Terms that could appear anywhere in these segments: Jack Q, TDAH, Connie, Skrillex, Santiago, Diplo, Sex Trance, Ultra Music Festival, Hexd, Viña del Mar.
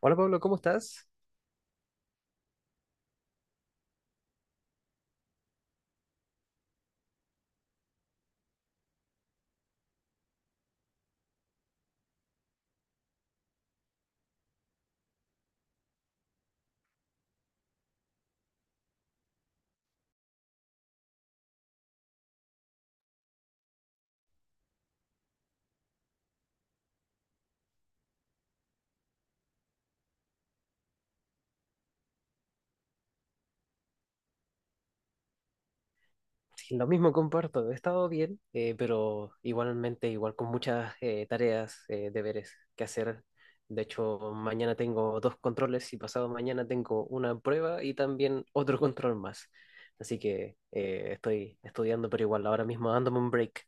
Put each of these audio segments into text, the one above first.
Hola Pablo, ¿cómo estás? Sí, lo mismo comparto, he estado bien, pero igualmente, igual con muchas tareas, deberes que hacer. De hecho, mañana tengo dos controles y pasado mañana tengo una prueba y también otro control más. Así que estoy estudiando, pero igual ahora mismo dándome un break.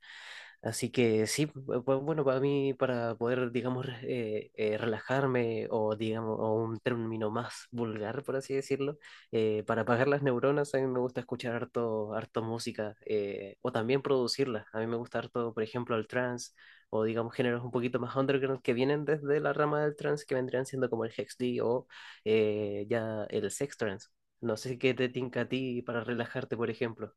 Así que sí, bueno, para mí, para poder, digamos, relajarme o, digamos, o un término más vulgar, por así decirlo, para apagar las neuronas, a mí me gusta escuchar harto, harto música o también producirla. A mí me gusta harto, por ejemplo, el trance o, digamos, géneros un poquito más underground que vienen desde la rama del trance, que vendrían siendo como el Hexd o ya el Sex Trance. No sé qué te tinca a ti para relajarte, por ejemplo.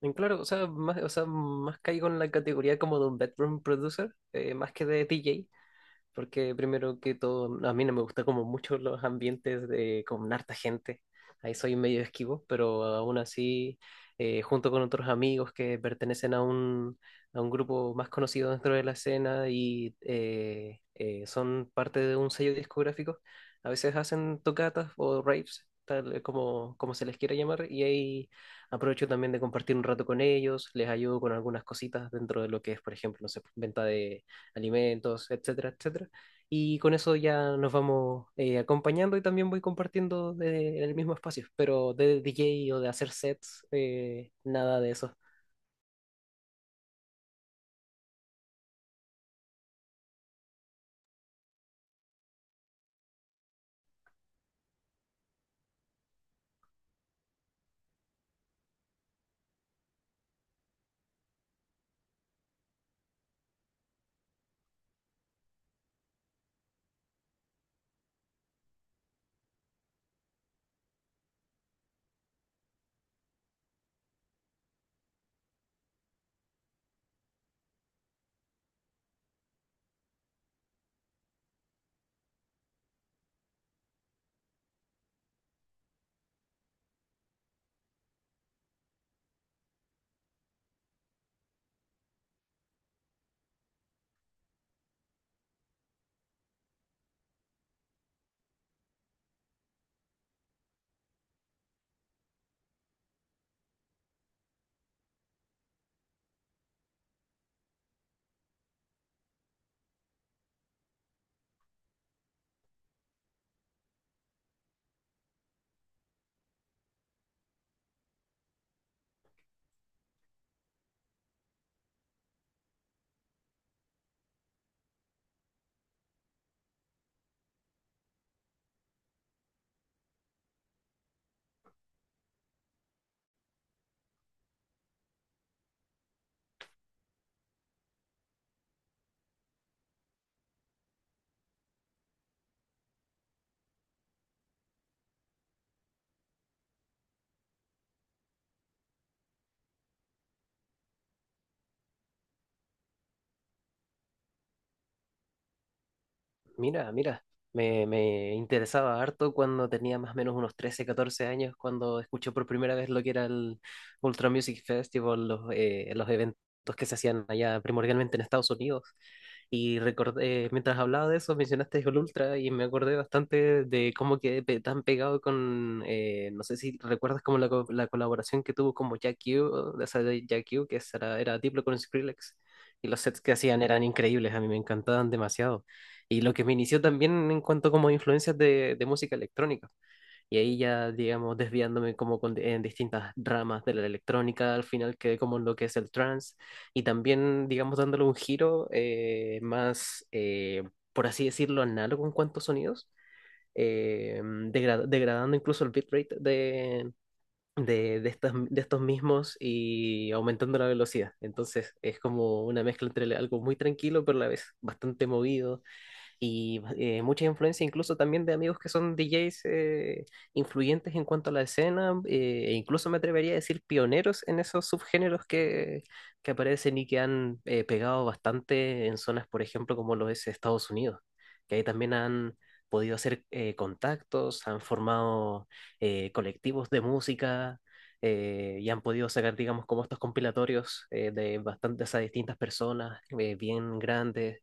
En claro, o sea, más caigo en la categoría como de un bedroom producer, más que de DJ, porque primero que todo, no, a mí no me gusta como mucho los ambientes de, con harta gente. Ahí soy medio esquivo, pero aún así, junto con otros amigos que pertenecen a un grupo más conocido dentro de la escena y son parte de un sello discográfico. A veces hacen tocatas o raves, tal como se les quiera llamar, y ahí aprovecho también de compartir un rato con ellos, les ayudo con algunas cositas dentro de lo que es, por ejemplo, no sé, venta de alimentos, etcétera, etcétera. Y con eso ya nos vamos acompañando y también voy compartiendo en el mismo espacio, pero de DJ o de hacer sets, nada de eso. Mira, mira, me interesaba harto cuando tenía más o menos unos 13 14 años, cuando escuché por primera vez lo que era el Ultra Music Festival, los eventos que se hacían allá primordialmente en Estados Unidos. Y recordé, mientras hablaba de eso, mencionaste Jol Ultra y me acordé bastante de cómo quedé tan pegado con, no sé si recuerdas como la colaboración que tuvo como Jack Q, de esa de Jack Q, que era Diplo con Skrillex. Y los sets que hacían eran increíbles, a mí me encantaban demasiado. Y lo que me inició también en cuanto como influencias de música electrónica. Y ahí ya, digamos, desviándome como en distintas ramas de la electrónica, al final quedé como en lo que es el trance y también, digamos, dándole un giro más, por así decirlo, análogo en cuanto a sonidos, degradando incluso el bitrate de estos mismos y aumentando la velocidad. Entonces es como una mezcla entre algo muy tranquilo, pero a la vez bastante movido y mucha influencia incluso también de amigos que son DJs influyentes en cuanto a la escena, e incluso me atrevería a decir pioneros en esos subgéneros que aparecen y que han pegado bastante en zonas, por ejemplo, como lo es Estados Unidos, que ahí también han podido hacer contactos, han formado colectivos de música. Y han podido sacar, digamos, como estos compilatorios de bastantes a distintas personas bien grandes,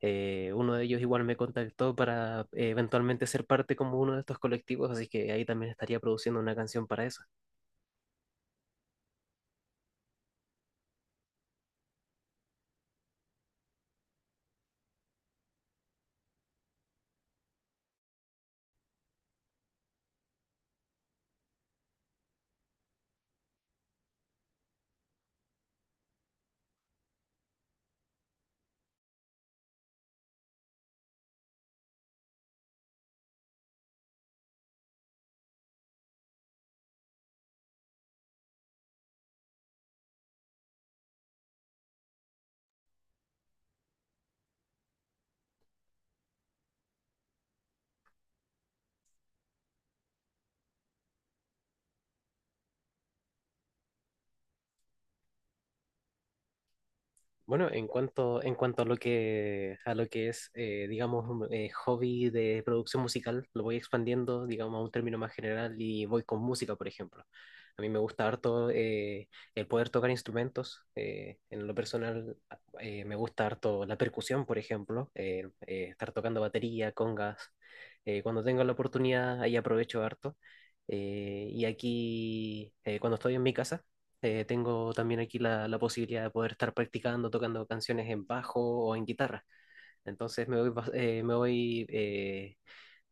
uno de ellos igual me contactó para eventualmente ser parte como uno de estos colectivos, así que ahí también estaría produciendo una canción para eso. Bueno, en cuanto a lo que es, digamos, hobby de producción musical, lo voy expandiendo, digamos, a un término más general y voy con música, por ejemplo. A mí me gusta harto el poder tocar instrumentos. En lo personal, me gusta harto la percusión, por ejemplo, estar tocando batería, congas. Cuando tengo la oportunidad, ahí aprovecho harto. Y aquí, cuando estoy en mi casa, tengo también aquí la posibilidad de poder estar practicando, tocando canciones en bajo o en guitarra. Entonces me voy, me voy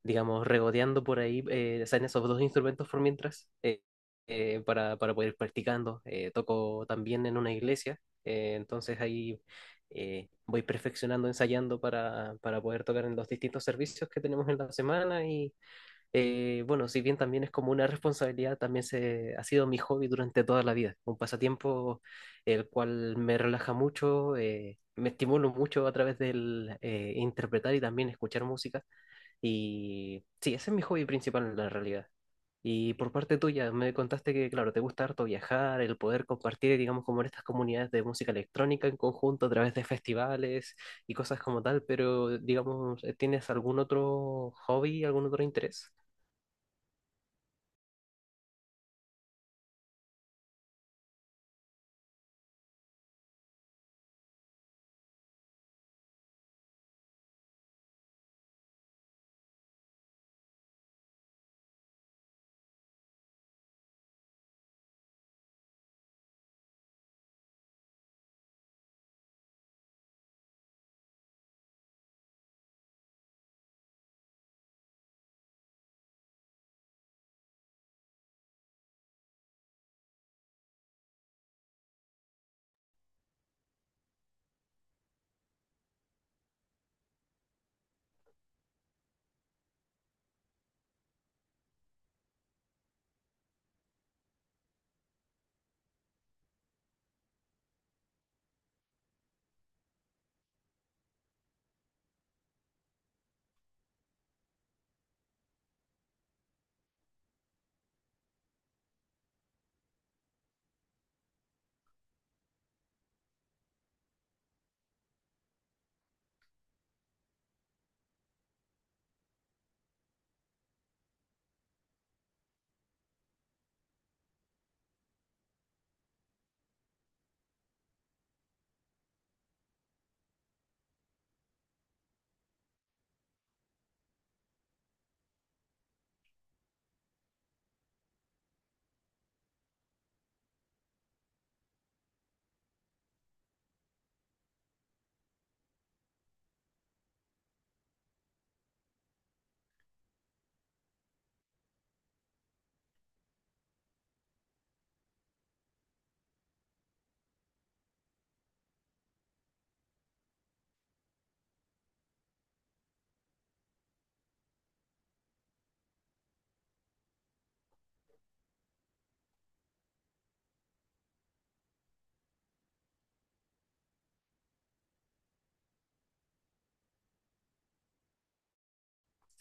digamos, regodeando por ahí, o sea, en esos dos instrumentos por mientras, para poder ir practicando. Toco también en una iglesia, entonces ahí voy perfeccionando, ensayando para poder tocar en los distintos servicios que tenemos en la semana y bueno, si bien también es como una responsabilidad, también se, ha sido mi hobby durante toda la vida, un pasatiempo el cual me relaja mucho, me estimulo mucho a través del interpretar y también escuchar música. Y sí, ese es mi hobby principal en la realidad. Y por parte tuya, me contaste que, claro, te gusta harto viajar, el poder compartir, digamos, como en estas comunidades de música electrónica en conjunto a través de festivales y cosas como tal, pero, digamos, ¿tienes algún otro hobby, algún otro interés?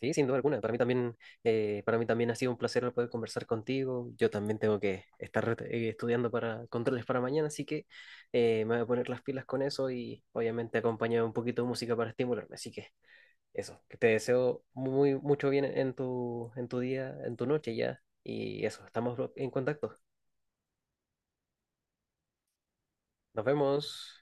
Sí, sin duda alguna. Para mí también ha sido un placer poder conversar contigo. Yo también tengo que estar estudiando para controles para mañana, así que me voy a poner las pilas con eso y obviamente acompañar un poquito de música para estimularme. Así que eso, que te deseo muy mucho bien en tu día, en tu noche ya. Y eso, estamos en contacto. Nos vemos.